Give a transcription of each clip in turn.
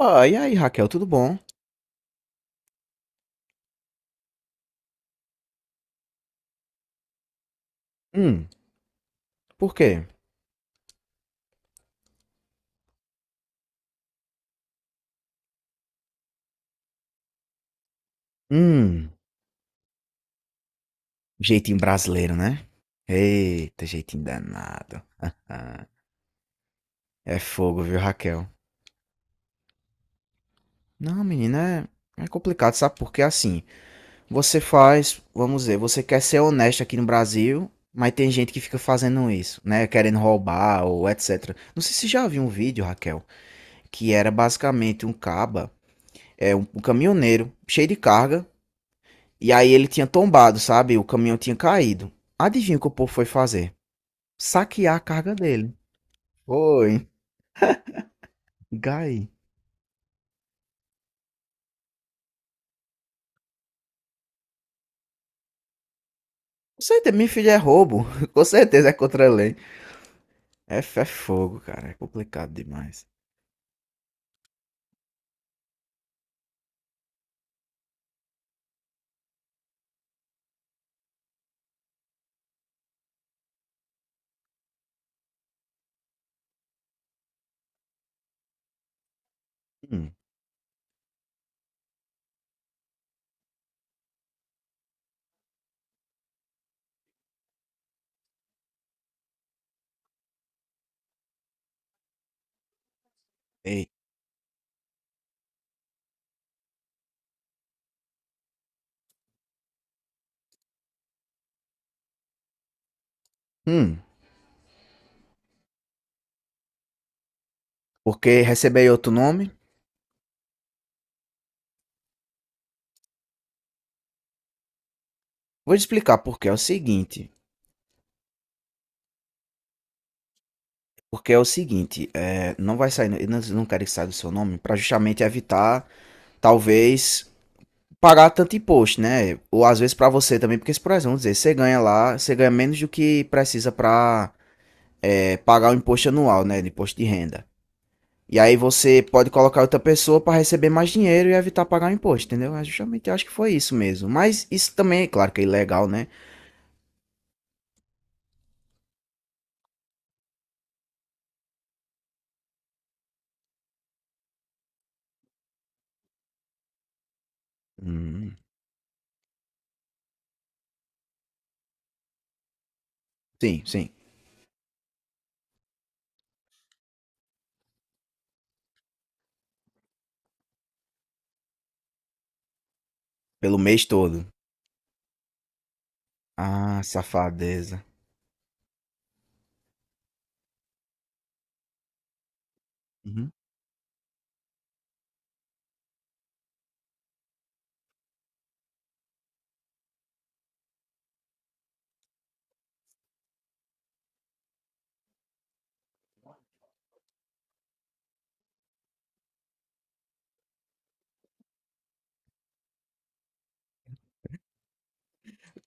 Ah, e aí, Raquel, tudo bom? Hum, por quê? Hum, jeitinho brasileiro, né? Eita, jeitinho danado. É fogo, viu, Raquel? Não, menina, é complicado, sabe? Porque assim, você faz, vamos dizer, você quer ser honesto aqui no Brasil, mas tem gente que fica fazendo isso, né? Querendo roubar ou etc. Não sei se já viu um vídeo, Raquel, que era basicamente um caba, é um caminhoneiro cheio de carga. E aí ele tinha tombado, sabe? O caminhão tinha caído. Adivinha o que o povo foi fazer? Saquear a carga dele. Foi. Gai. Com certeza, minha filha, é roubo. Com certeza é contra a lei. É, é fogo, cara. É complicado demais. Hum, ei. Hum, porque receber outro nome? Vou te explicar porque é o seguinte. Porque é o seguinte, é, não vai sair, eu não- não quero que saia do seu nome, para justamente evitar, talvez, pagar tanto imposto, né? Ou às vezes pra você também, porque, por exemplo, vamos dizer, você ganha lá, você ganha menos do que precisa pra é, pagar o imposto anual, né? De imposto de renda. E aí você pode colocar outra pessoa pra receber mais dinheiro e evitar pagar o imposto, entendeu? É. Justamente eu acho que foi isso mesmo. Mas isso também, é claro que é ilegal, né? Hum, sim, sim. Pelo mês todo. Ah, safadeza. Uhum.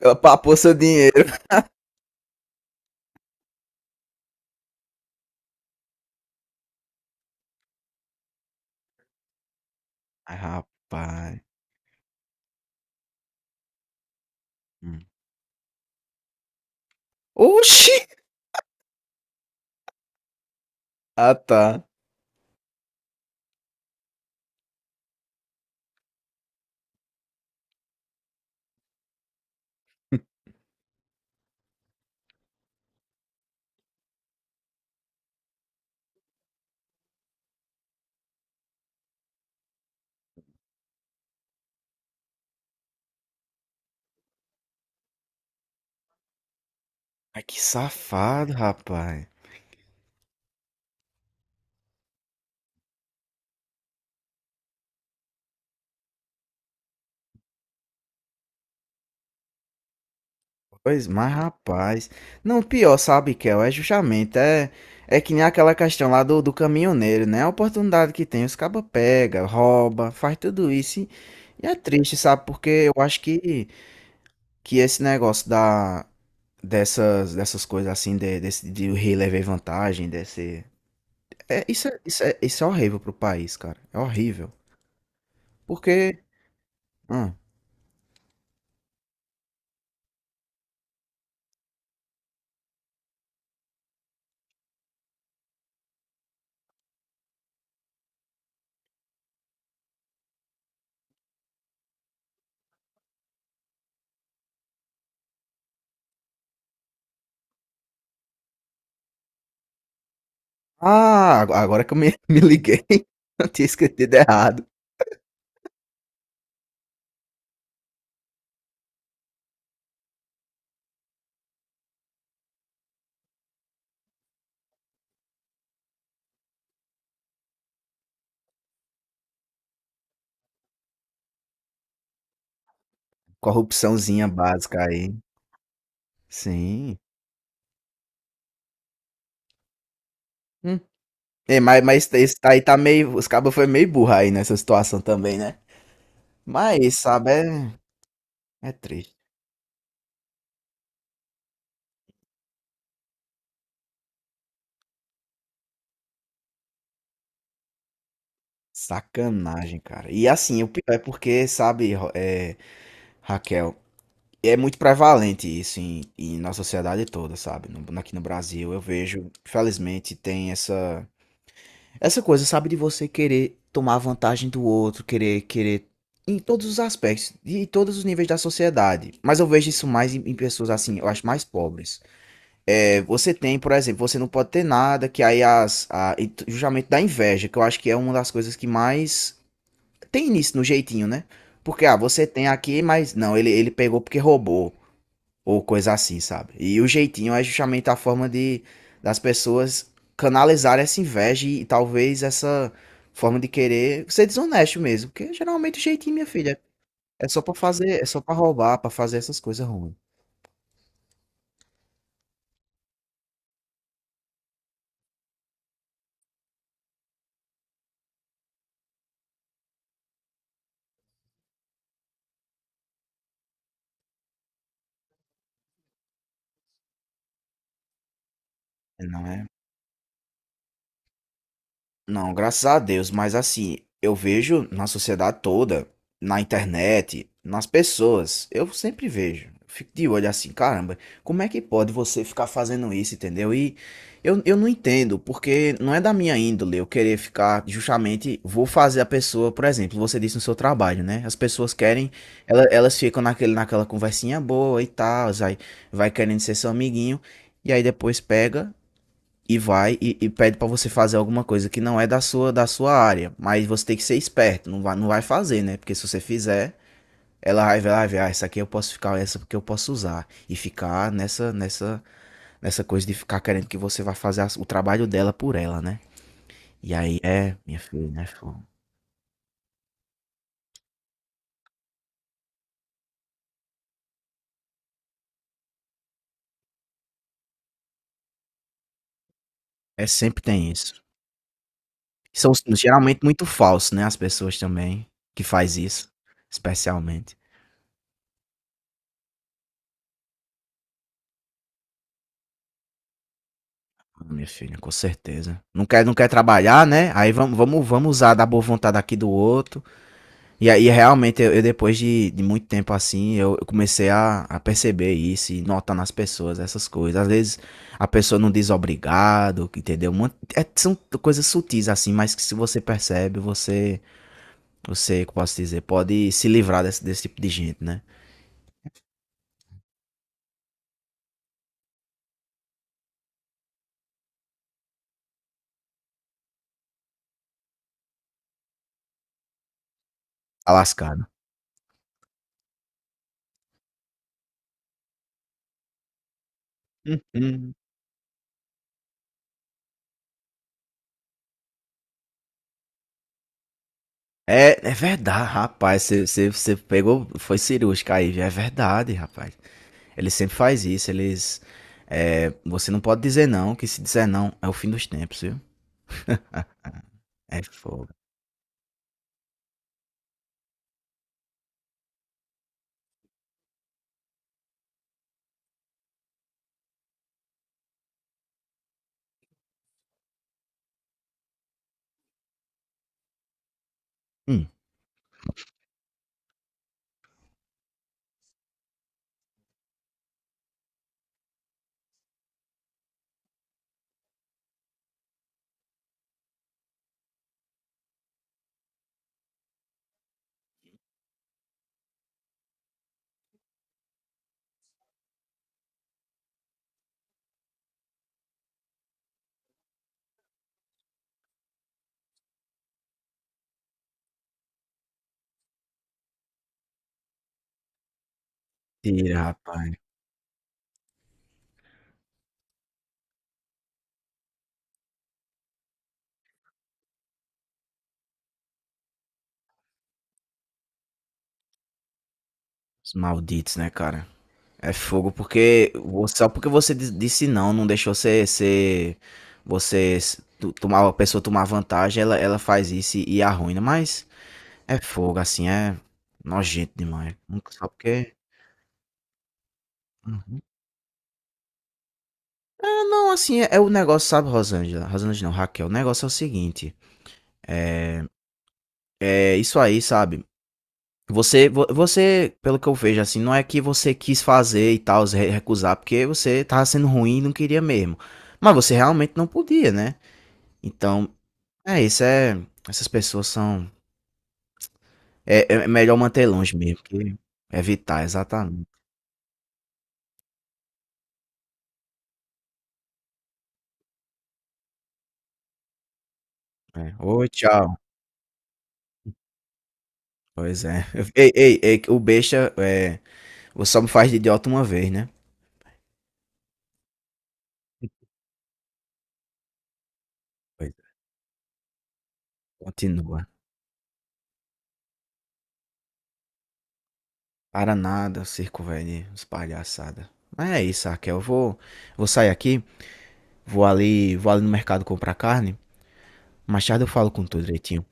Ela papou seu dinheiro. Ai, rapaz. Hum. Oxi! Ah, tá. Ai, que safado, rapaz. Pois, mas rapaz. Não, pior, sabe, Kel? É justamente. É, é que nem aquela questão lá do caminhoneiro, né? A oportunidade que tem, os cabos pega, rouba, faz tudo isso. E é triste, sabe? Porque eu acho que esse negócio da, dessas, dessas coisas assim, de, desse, de o rei levar vantagem, desse. É, isso, é, isso, é, isso é horrível pro país, cara. É horrível. Porque. Hum. Ah, agora que eu me, me liguei. Eu tinha escrito errado. Corrupçãozinha básica aí. Sim. Hum. É, mas tá, esse tá aí tá meio. Os cabos foi meio burro aí nessa situação também, né? Mas, sabe, é, é triste. Sacanagem, cara. E assim, o pior é porque, sabe, é, Raquel, é muito prevalente isso em nossa sociedade toda, sabe? Aqui no Brasil, eu vejo, infelizmente, tem essa, essa coisa, sabe, de você querer tomar vantagem do outro, querer, querer. Em todos os aspectos, e em todos os níveis da sociedade. Mas eu vejo isso mais em pessoas assim, eu acho mais pobres. É, você tem, por exemplo, você não pode ter nada, que aí as, a, justamente da inveja, que eu acho que é uma das coisas que mais tem início no jeitinho, né? Porque, ah, você tem aqui, mas não, ele pegou porque roubou, ou coisa assim, sabe? E o jeitinho é justamente a forma de das pessoas canalizarem essa inveja e, talvez essa forma de querer ser desonesto mesmo, porque geralmente o jeitinho, minha filha, é só pra fazer, é só pra roubar, pra fazer essas coisas ruins. Não é? Não, graças a Deus, mas assim, eu vejo na sociedade toda, na internet, nas pessoas, eu sempre vejo. Fico de olho assim, caramba, como é que pode você ficar fazendo isso, entendeu? E eu não entendo, porque não é da minha índole eu querer ficar justamente, vou fazer a pessoa, por exemplo, você disse no seu trabalho, né? As pessoas querem, elas ficam naquele, naquela conversinha boa e tal, aí vai querendo ser seu amiguinho, e aí depois pega e vai e pede para você fazer alguma coisa que não é da sua área, mas você tem que ser esperto, não vai fazer, né? Porque se você fizer, ela vai ver, ah, essa aqui eu posso ficar, essa porque eu posso usar e ficar nessa nessa coisa de ficar querendo que você vá fazer o trabalho dela por ela, né? E aí é, minha filha, né? Fô? É, sempre tem isso. São geralmente muito falsos, né? As pessoas também que faz isso, especialmente. Ah, minha filha, com certeza. Não quer trabalhar, né? Aí vamos usar da boa vontade aqui do outro. E aí, realmente, eu depois de muito tempo assim, eu comecei a perceber isso e notar nas pessoas essas coisas. Às vezes, a pessoa não diz obrigado, entendeu? São coisas sutis assim, mas que se você percebe, você, você, como posso dizer, pode se livrar desse, desse tipo de gente, né? Tá lascado. Uhum. É, é verdade, rapaz. Você pegou, foi cirúrgica aí, viu? É verdade, rapaz. Ele sempre faz isso, eles. É, você não pode dizer não, que se dizer não é o fim dos tempos, viu? É fogo. Hum, tira, rapaz. Os malditos, né, cara? É fogo porque só porque disse não, não deixou você ser tomar a pessoa tomar vantagem, ela faz isso e arruina, mas é fogo assim, é nojento demais. Nunca só porque Uhum. É, não, assim, é, é o negócio, sabe, Rosângela? Rosângela não, Raquel. O negócio é o seguinte: é, é isso aí, sabe? Você, pelo que eu vejo, assim, não é que você quis fazer e tal, se recusar, porque você tava sendo ruim e não queria mesmo. Mas você realmente não podia, né? Então, é isso, é. Essas pessoas são. É, é melhor manter longe mesmo, que evitar, exatamente. É. Oi, tchau. Pois é. Ei, ei, ei, o besta, é, você só me faz de idiota uma vez, né? Pois é, continua. Para nada, circo velho, de palhaçada. Mas é isso, Raquel. Eu vou, vou sair aqui. Vou ali no mercado comprar carne. Mais tarde eu falo com tu direitinho.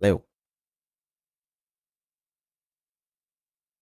Valeu.